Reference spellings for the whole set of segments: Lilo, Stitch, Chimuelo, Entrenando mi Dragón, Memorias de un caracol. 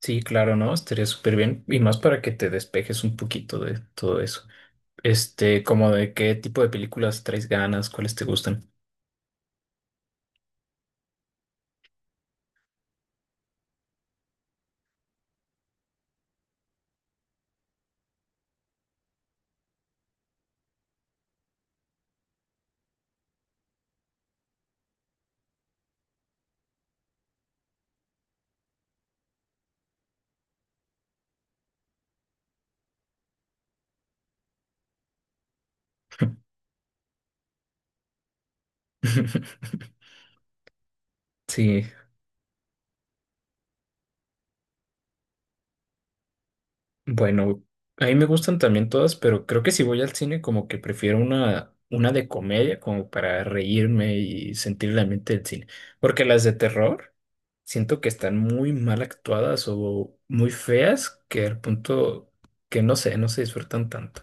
Sí, claro, ¿no? Estaría súper bien. Y más para que te despejes un poquito de todo eso. Este, como de qué tipo de películas traes ganas, cuáles te gustan. Sí, bueno, a mí me gustan también todas, pero creo que si voy al cine como que prefiero una de comedia como para reírme y sentir la mente del cine. Porque las de terror siento que están muy mal actuadas o muy feas que al punto que no sé, no se disfrutan tanto.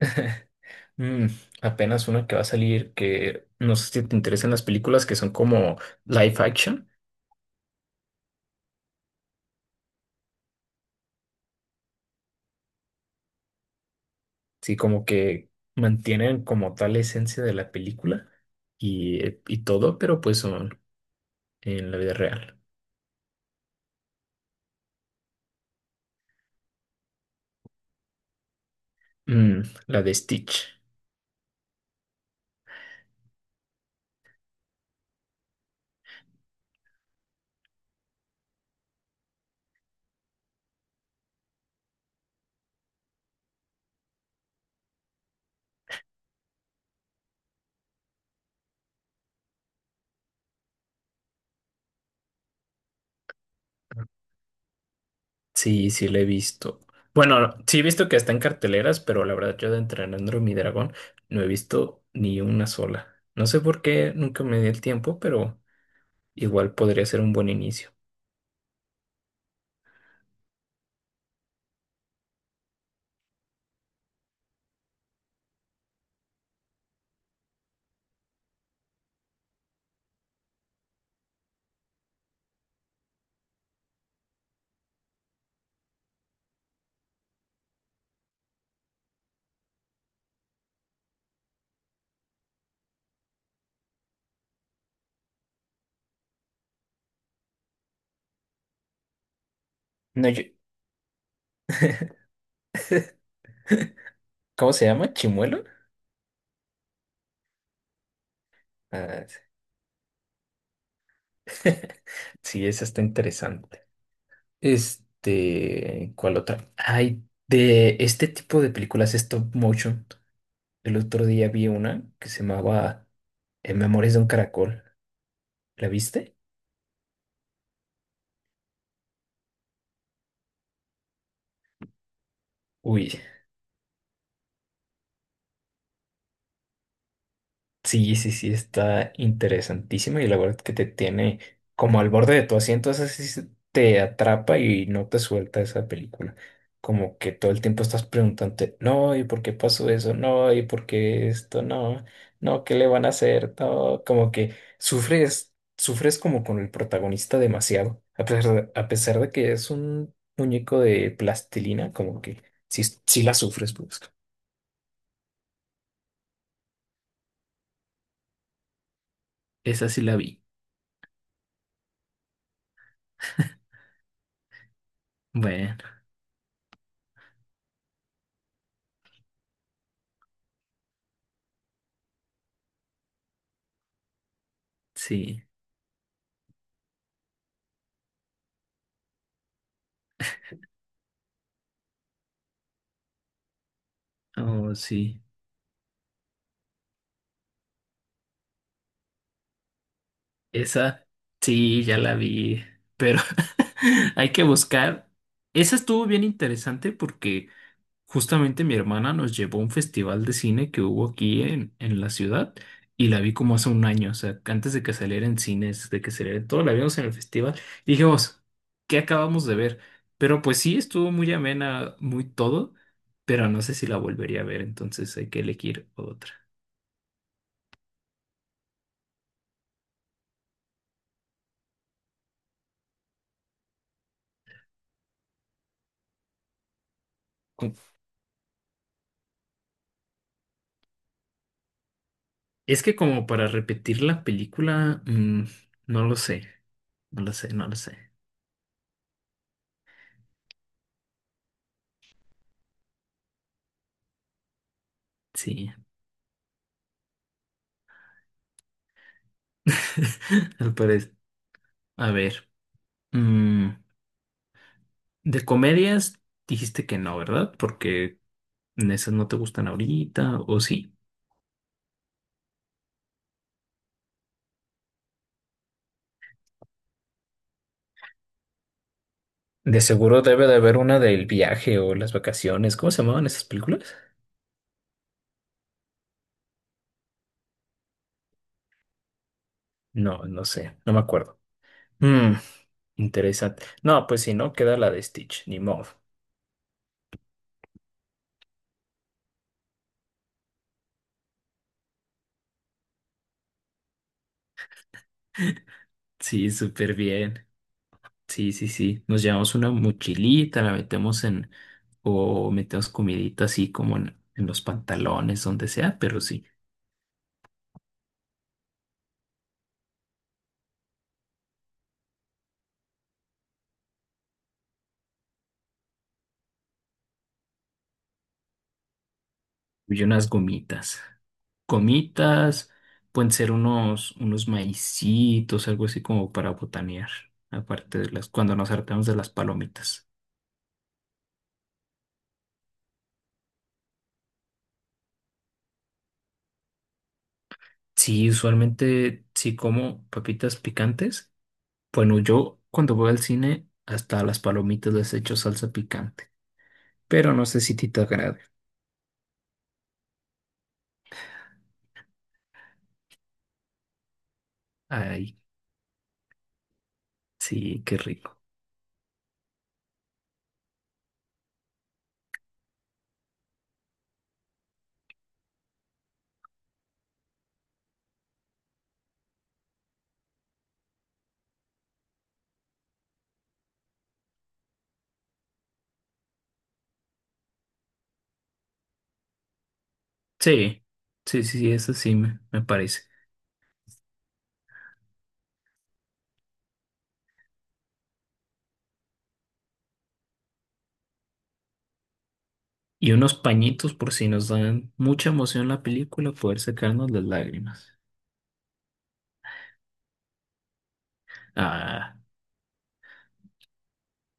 Mm, Apenas una que va a salir que no sé si te interesan las películas que son como live action, sí, como que mantienen como tal la esencia de la película y todo, pero pues son en la vida real. La de Stitch. Sí, sí, la he visto. Bueno, sí he visto que está en carteleras, pero la verdad yo de Entrenando mi Dragón no he visto ni una sola. No sé por qué nunca me di el tiempo, pero igual podría ser un buen inicio. No, yo- ¿Cómo se llama? ¿Chimuelo? Ah, sí, sí, esa está interesante. Este, ¿cuál otra? Hay de este tipo de películas stop motion. El otro día vi una que se llamaba Memorias de un caracol. ¿La viste? Uy, sí, sí, sí, está interesantísima y la verdad que te tiene como al borde de tu asiento, esa sí te atrapa y no te suelta esa película. Como que todo el tiempo estás preguntándote, no, ¿y por qué pasó eso? No, ¿y por qué esto? No, no, ¿qué le van a hacer? No, como que sufres, sufres como con el protagonista demasiado, a pesar de que es un muñeco de plastilina, como que sí, sí la sufres, pues. Esa sí la vi. Bueno, sí. Oh, sí. Esa, sí, ya la vi, pero hay que buscar. Esa estuvo bien interesante porque justamente mi hermana nos llevó a un festival de cine que hubo aquí en la ciudad y la vi como hace un año, o sea, antes de que saliera en cines, de que saliera en todo, la vimos en el festival. Y dijimos, ¿qué acabamos de ver? Pero pues sí, estuvo muy amena, muy todo, pero no sé si la volvería a ver, entonces hay que elegir otra. Es que como para repetir la película, no lo sé, no lo sé, no lo sé. Sí, al parecer. A ver, mm, de comedias dijiste que no, ¿verdad? Porque esas no te gustan ahorita, ¿o sí? De seguro debe de haber una del viaje o las vacaciones. ¿Cómo se llamaban esas películas? No, no sé, no me acuerdo. Mm, interesante. No, pues si no, queda la de Stitch, ni modo. Sí, súper bien. Sí, sí, sí. Nos llevamos una mochilita, o metemos comidita así como en los pantalones, donde sea, pero sí. Y unas gomitas. Gomitas, pueden ser unos maicitos, algo así como para botanear, aparte de las, cuando nos hartamos de las palomitas. Sí, usualmente sí como papitas picantes. Bueno, yo cuando voy al cine, hasta a las palomitas les echo salsa picante, pero no sé si a ti te agrade. Ay, sí, qué rico. Sí, sí, sí, sí, eso sí me parece. Y unos pañitos por si nos dan mucha emoción la película, poder secarnos las lágrimas. Ah,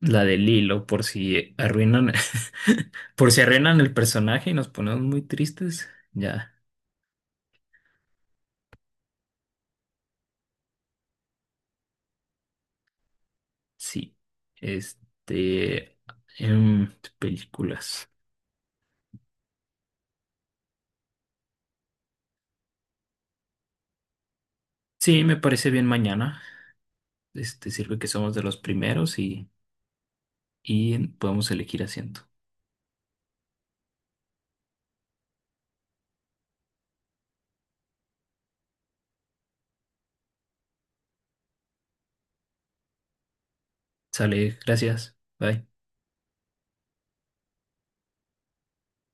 la de Lilo, por si arruinan, por si arruinan el personaje y nos ponemos muy tristes. Ya, sí. Este, em, películas. Sí, me parece bien mañana. Este, sirve que somos de los primeros y podemos elegir asiento. Sale, gracias. Bye.